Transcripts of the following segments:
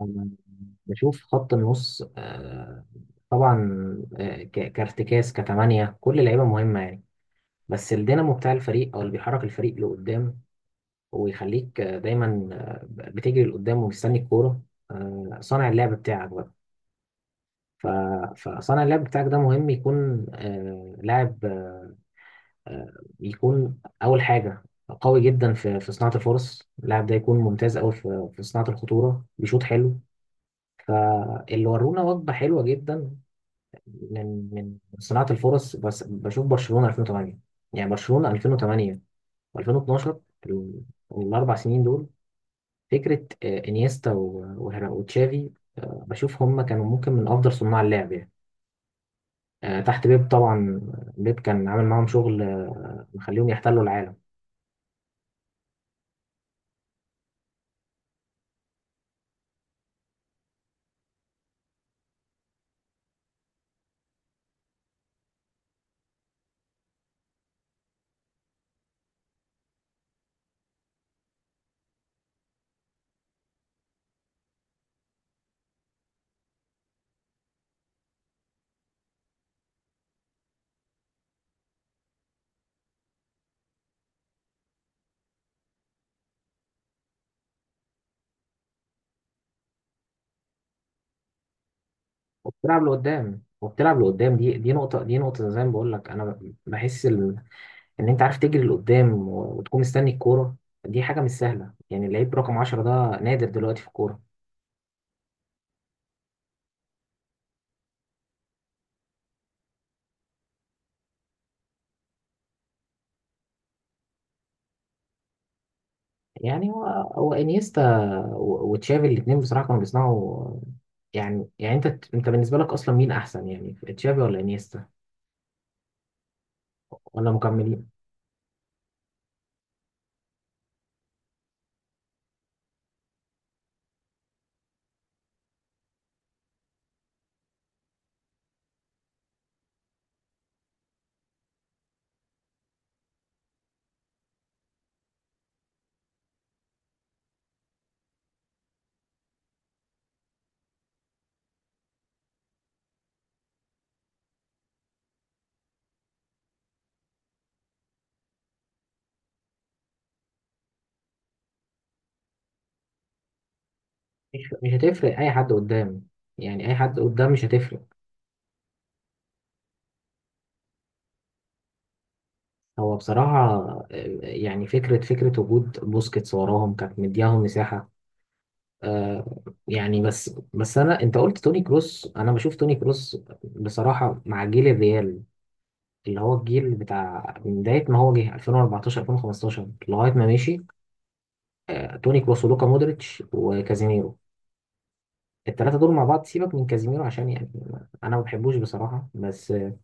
أنا بشوف خط النص طبعا. كارتكاز كتمانية كل لعيبة مهمة يعني، بس الدينامو بتاع الفريق أو اللي بيحرك الفريق لقدام ويخليك دايما بتجري لقدام ومستني الكورة، صانع اللعب بتاعك بقى. ف- فصانع اللعب بتاعك ده مهم يكون لاعب آه، يكون أول حاجة قوي جدا في صناعة الفرص، اللاعب ده يكون ممتاز أوي في صناعة الخطورة، بيشوط حلو، اللي ورونا وجبة حلوة جدا من صناعة الفرص. بس بشوف برشلونة 2008، يعني برشلونة 2008 و2012، ال- الأربع سنين دول، فكرة إنيستا وتشافي. بشوف هم كانوا ممكن من أفضل صناع اللعب يعني، تحت بيب طبعا. بيب كان عامل معاهم شغل مخليهم يحتلوا العالم، وبتلعب لقدام، وبتلعب لقدام. دي نقطة، دي نقطة زي ما بقول لك أنا. بحس ال- إن أنت عارف تجري لقدام وتكون مستني الكورة، دي حاجة مش سهلة يعني. اللعيب رقم 10 ده نادر دلوقتي في الكورة. يعني هو انيستا وتشافي، الاثنين بصراحه كانوا بيصنعوا يعني انت بالنسبه لك اصلا مين احسن يعني، تشافي ولا انيستا، ولا مكملين؟ مش هتفرق اي حد قدام، يعني اي حد قدام مش هتفرق. هو بصراحه آه، يعني فكره وجود بوسكيتس وراهم كانت مدياهم مساحه. آه يعني بس انا، انت قلت توني كروس، انا بشوف توني كروس بصراحه مع جيل الريال، اللي هو الجيل بتاع من بداية ما هو جه 2014 2015 لغاية ما مشي، توني كروس ولوكا مودريتش وكازيميرو. الثلاثة دول مع بعض، سيبك من كازيميرو عشان يعني أنا ما بحبوش بصراحة، بس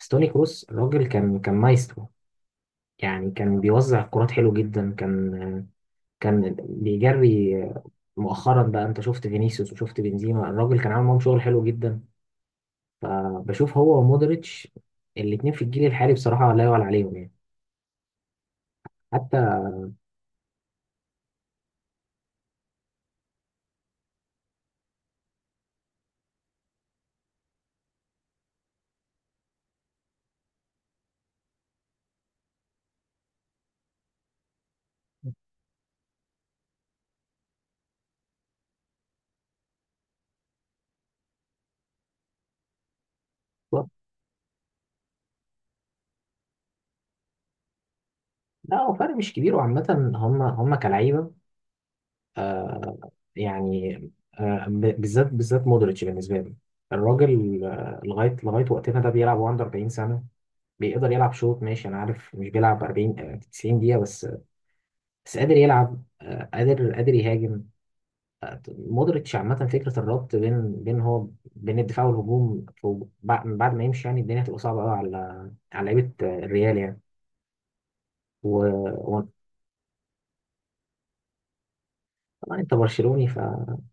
بس توني كروس الراجل كان مايسترو يعني، كان بيوزع الكرات حلو جدا، كان كان بيجري. مؤخرا بقى أنت شفت فينيسيوس وشفت بنزيما، الراجل كان عامل معاهم شغل حلو جدا. بشوف هو ومودريتش الاتنين في الجيل الحالي بصراحة لا يعلى عليهم يعني، حتى. لا، هو فرق مش كبير، وعامة هم كلعيبة يعني، بالذات مودريتش بالنسبة لي، الراجل آه، لغاية لغايه وقتنا ده بيلعب وهو عنده 40 سنة، بيقدر يلعب شوط. ماشي، أنا عارف مش بيلعب 40 90 دقيقة، بس بس قادر يلعب، قادر يهاجم. مودريتش عامة فكرة الربط بين بين الدفاع والهجوم، بعد ما يمشي يعني الدنيا هتبقى صعبة قوي على لعيبة الريال يعني. انت برشلوني ف...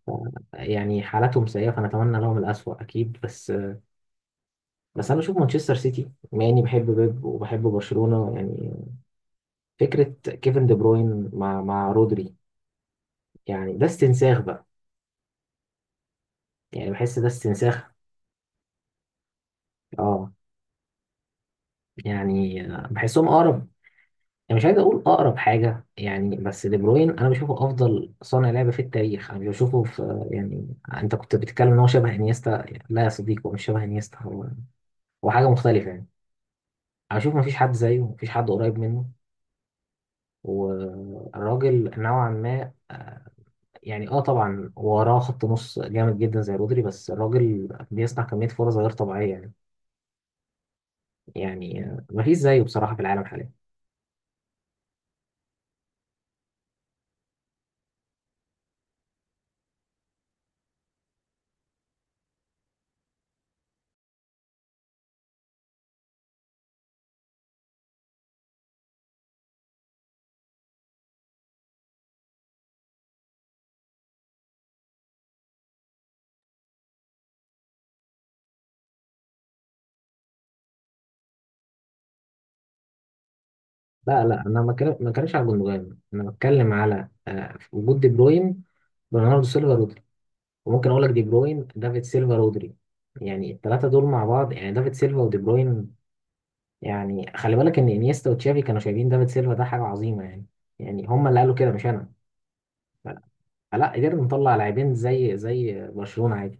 ف يعني حالتهم سيئه فنتمنى لهم الاسوأ اكيد، بس انا بشوف مانشستر سيتي، بما اني بحب بيب وبحب برشلونه يعني، فكره كيفن دي بروين مع رودري، يعني ده استنساخ بقى، يعني بحس ده استنساخ. اه يعني بحسهم اقرب، يعني مش عايز اقول اقرب حاجه يعني، بس دي بروين انا بشوفه افضل صانع لعبه في التاريخ، انا مش بشوفه في يعني. انت كنت بتتكلم ان هو شبه انيستا، لا يا صديقي، هو مش شبه انيستا، هو حاجه مختلفه يعني. انا اشوف مفيش حد زيه، مفيش حد قريب منه، والراجل نوعا ما يعني اه طبعا وراه خط نص جامد جدا زي رودري، بس الراجل بيصنع كمية فرص غير طبيعية يعني. يعني مفيش زيه بصراحة في العالم حاليا. لا لا، انا ما بتكلم- ما بتكلمش على جوندوجان، انا بتكلم على وجود دي بروين، برناردو سيلفا، رودري، وممكن اقول لك دي بروين، دافيد سيلفا، رودري. يعني الثلاثة دول مع بعض، يعني دافيد سيلفا ودي بروين، يعني خلي بالك ان انيستا وتشافي كانوا شايفين دافيد سيلفا ده حاجه عظيمه يعني، يعني هم اللي قالوا كده مش انا. فلا قدرنا نطلع لاعبين زي برشلونه عادي.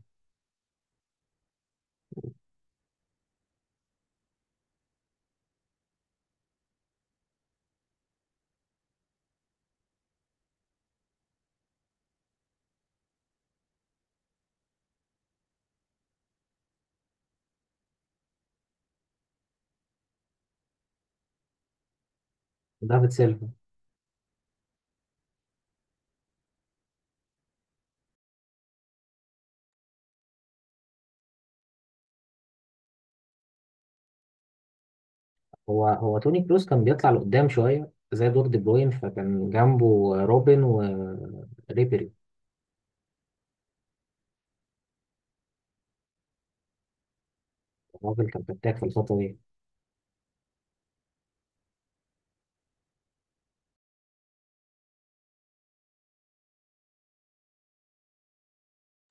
دافيد سيلفا. هو توني كروس كان بيطلع لقدام شويه زي دور دي بروين، فكان جنبه روبن وريبيري. الراجل كان فتاك في الفتره دي.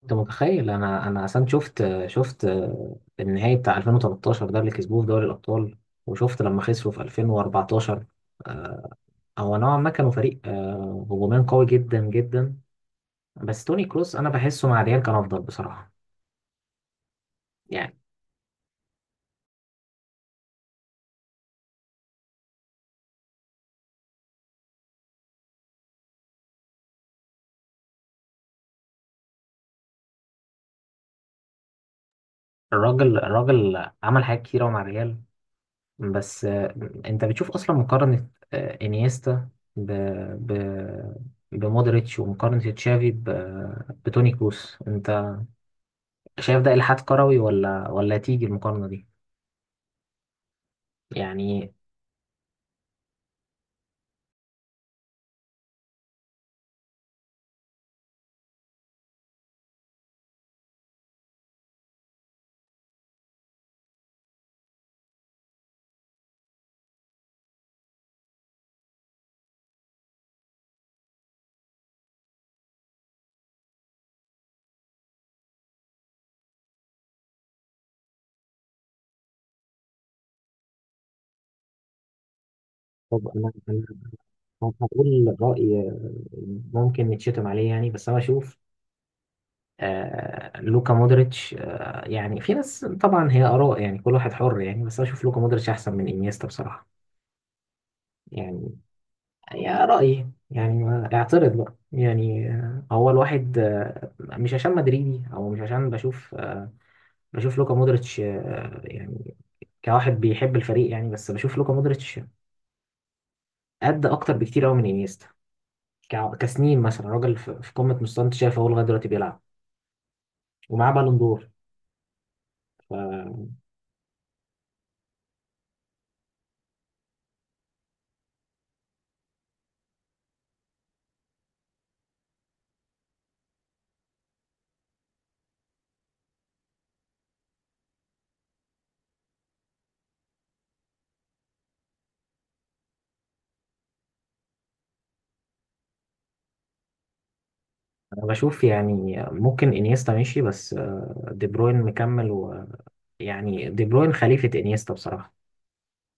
انت متخيل؟ انا اصلا شفت النهائي بتاع 2013 ده اللي كسبوه في دوري الابطال، وشفت لما خسروا في 2014. هو نوعا ما كانوا فريق هجوميا قوي جدا جدا، بس توني كروس انا بحسه مع ريال كان افضل بصراحه يعني. الراجل عمل حاجات كتيره مع ريال، بس انت بتشوف اصلا مقارنه انيستا ب ب بمودريتش، ومقارنه تشافي بتوني كروس، انت شايف ده الحاد كروي، ولا تيجي المقارنه دي؟ يعني طب أنا هقول راي ممكن نتشتم عليه يعني، بس انا بشوف آه لوكا مودريتش. آه يعني في ناس طبعا، هي آراء يعني، كل واحد حر يعني، بس أنا أشوف لوكا مودريتش أحسن من إنيستا بصراحة يعني، يا رأيي يعني. اعترض بقى يعني، هو الواحد مش عشان مدريدي، أو مش عشان بشوف بشوف لوكا مودريتش يعني كواحد بيحب الفريق يعني، بس بشوف لوكا مودريتش قد أكتر بكتير أوي من إنيستا، كسنين مثلا، راجل في قمة مستواه، أنت شايف هو لغاية دلوقتي بيلعب ومعاه بالون دور. انا بشوف يعني ممكن انيستا ماشي، بس دي بروين مكمل، ويعني دي بروين خليفة انيستا بصراحة.